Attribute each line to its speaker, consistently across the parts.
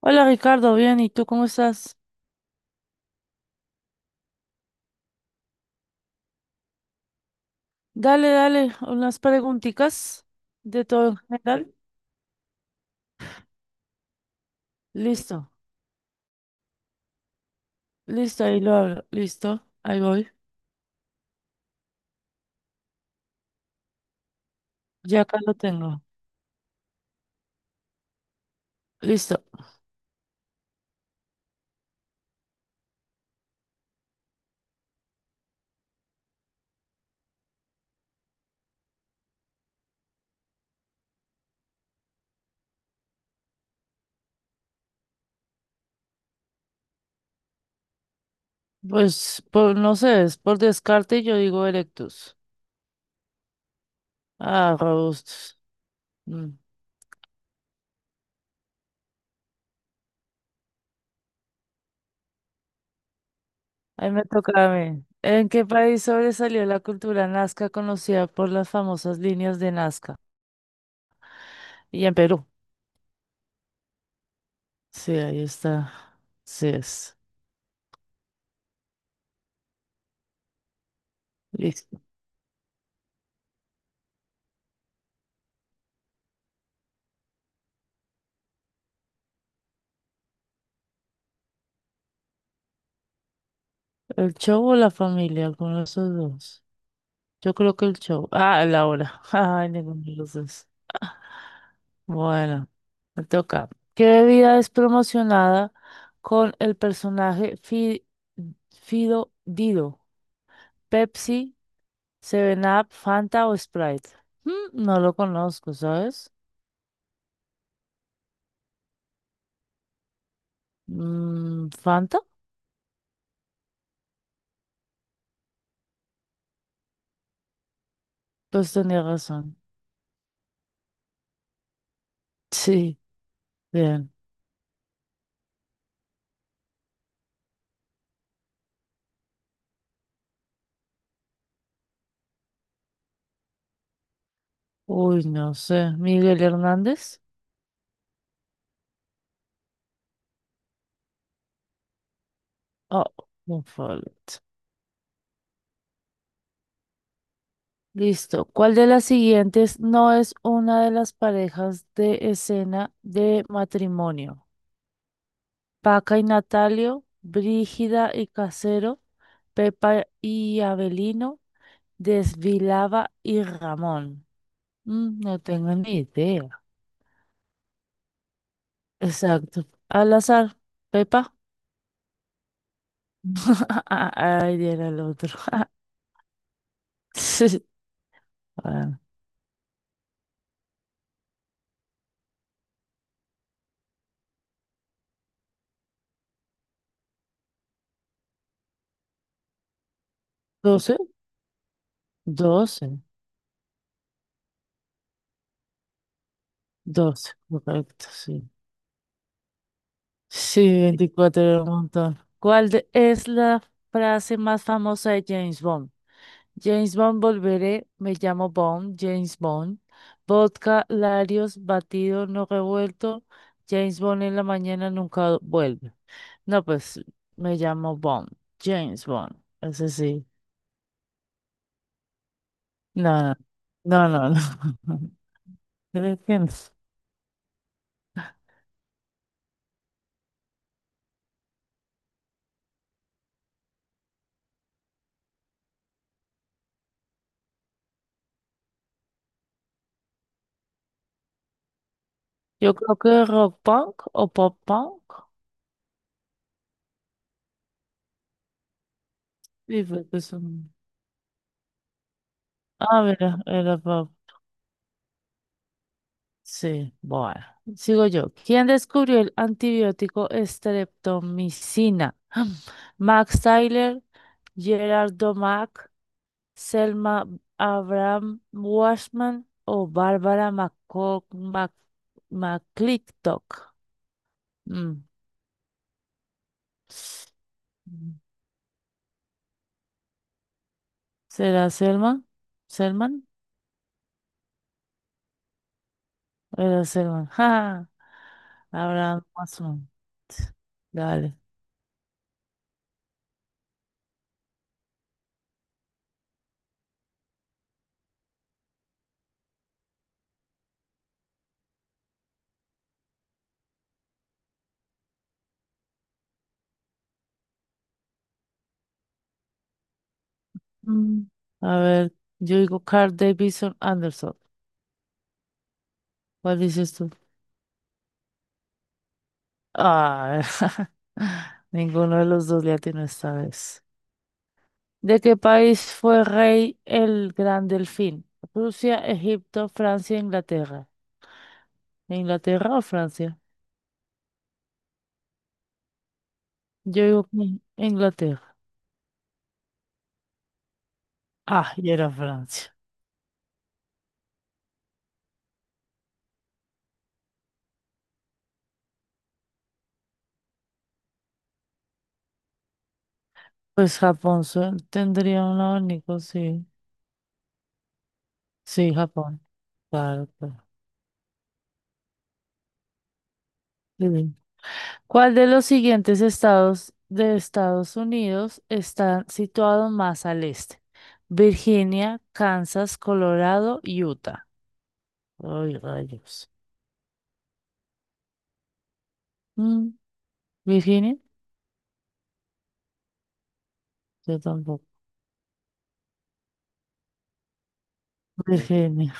Speaker 1: Hola Ricardo, bien, ¿y tú cómo estás? Dale, unas preguntitas de todo en general. Listo, listo, ahí lo hablo, listo, ahí voy, ya acá lo tengo, listo. Pues, por, no sé, es por descarte yo digo erectus. Ah, robustus. Mm, Ahí me toca a mí. ¿En qué país sobresalió la cultura nazca conocida por las famosas líneas de Nazca? Y en Perú. Sí, ahí está. Sí es. Listo. ¿El show o la familia? Alguno de esos dos. Yo creo que el show. Ah, la hora. Ay, ninguno de los dos. Bueno, me toca. ¿Qué bebida es promocionada con el personaje Fido Dido? ¿Pepsi, Seven Up, Fanta o Sprite? No lo conozco, ¿sabes? ¿Fanta? Pues tenía razón. Sí, bien. Uy, no sé. ¿Miguel Hernández? Oh, un fallo. Listo. ¿Cuál de las siguientes no es una de las parejas de escena de matrimonio? Paca y Natalio, Brígida y Casero, Pepa y Abelino, Desvilaba y Ramón. No tengo ni idea. Exacto. Al azar, Pepa. Ay, era el otro. Sí. Ah, 12. 12, 12, correcto, sí. Sí, 24 era un montón. ¿Es la frase más famosa de James Bond? James Bond, volveré, me llamo Bond, James Bond. Vodka, Larios, batido, no revuelto. James Bond en la mañana nunca vuelve. No, pues me llamo Bond, James Bond. Ese sí. No, no, no, no. Creo que no. Yo creo que rock punk o pop punk. Sí, porque son- Ah, mira, era pop. Sí, bueno, sigo yo. ¿Quién descubrió el antibiótico estreptomicina? Max Tyler, Gerard Domack, Selma Abraham Washman o Bárbara McClintock. Mm. Mm. ¿Será Selma? ¿Selman? Era Selman. Ja. Abraham Washman. Dale. Mm. A ver, yo digo Carl Davidson Anderson. ¿Cuál dices tú? Ah, ninguno de los dos le atinó esta vez. ¿De qué país fue rey el Gran Delfín? Rusia, Egipto, Francia, Inglaterra. ¿Inglaterra o Francia? Yo digo que Inglaterra. Ah, y era Francia. Tendría un abanico, sí. Sí, Japón. Claro, claro. Sí. ¿Cuál de los siguientes estados de Estados Unidos está situado más al este? Virginia, Kansas, Colorado, Utah. Ay, rayos. Mm, ¿Virginia? Yo tampoco. Virginia.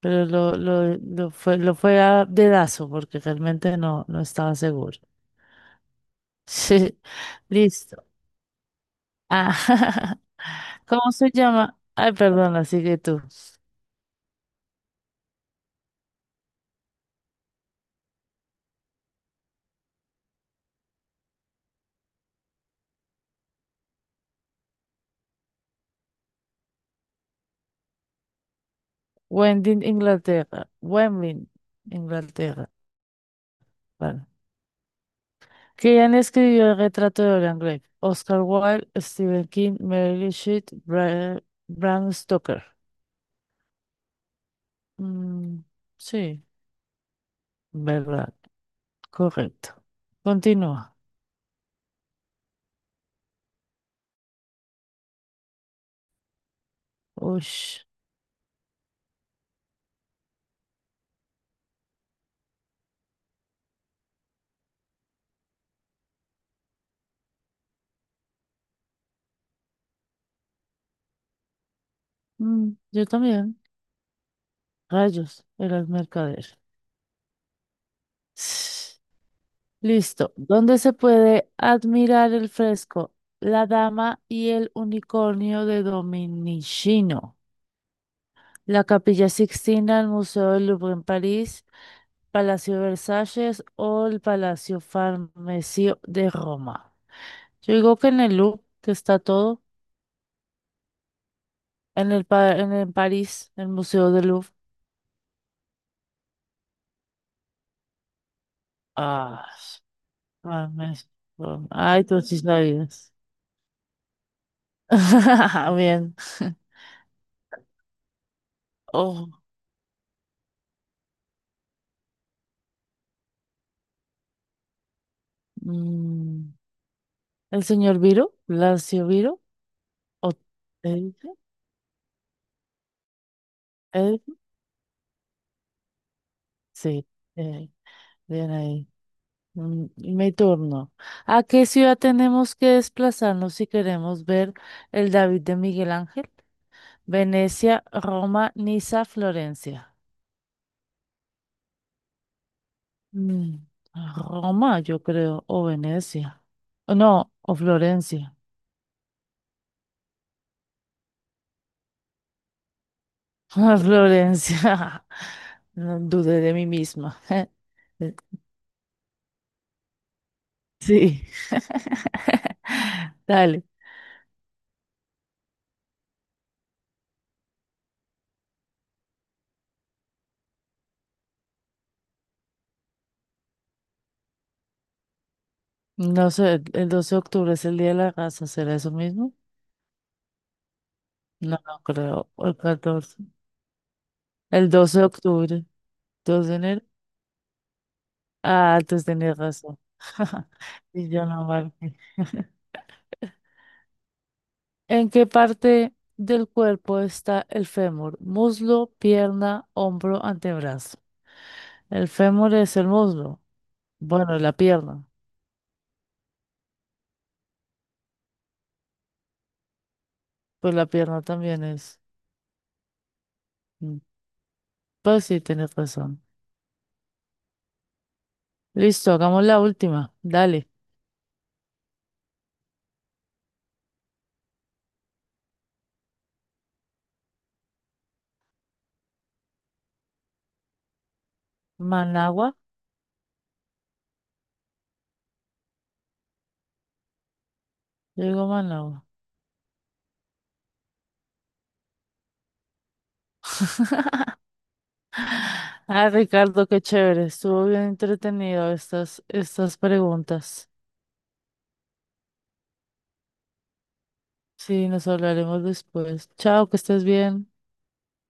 Speaker 1: Pero lo fue, lo fue a dedazo porque realmente no, no estaba seguro. Sí. Listo. Ah, ¿Cómo se llama? Ay, perdón, sigue tú. Wendy, Inglaterra. Wendy, Inglaterra. Vale. ¿Quién escribió el retrato de Dorian Gray? Oscar Wilde, Stephen King, Mary Shelley, Bram Stoker. Mm, sí, verdad, correcto. Continúa. Ush. Mm, yo también. Rayos, eras mercader. Listo. ¿Dónde se puede admirar el fresco La Dama y el Unicornio de Dominichino? La Capilla Sixtina, el Museo del Louvre en París, Palacio Versalles o el Palacio Farnesio de Roma. Yo digo que en el Louvre, que está todo, en en el París, el Museo del Louvre. Ah, Farnesio. Ay, tú sí sabías. Bien. Oh, mm, el señor Viro, Lacio Viro, o Elvio, Elvio, sí, eh, bien ahí. Mm, Mi turno. ¿A qué ciudad tenemos que desplazarnos si queremos ver el David de Miguel Ángel? Venecia, Roma, Niza, Florencia. Mm, Roma, yo creo, o Venecia. O No, o Florencia. Florencia. No dudé de mí misma. Sí. Dale. No sé, el doce de octubre es el Día de la Raza, ¿será eso mismo? No, no creo. O el 14. El 12 de octubre. 2 de enero. Ah, entonces tenés razón. Y yo no marqué. ¿En qué parte del cuerpo está el fémur? Muslo, pierna, hombro, antebrazo. El fémur es el muslo. Bueno, la pierna. Pues la pierna también es. Mm, Pues sí, tienes razón. Listo, hagamos la última. Dale. Managua. Yo digo Managua. Ah, Ricardo, qué chévere. Estuvo bien entretenido estas preguntas. Sí, nos hablaremos después. Chao, que estés bien.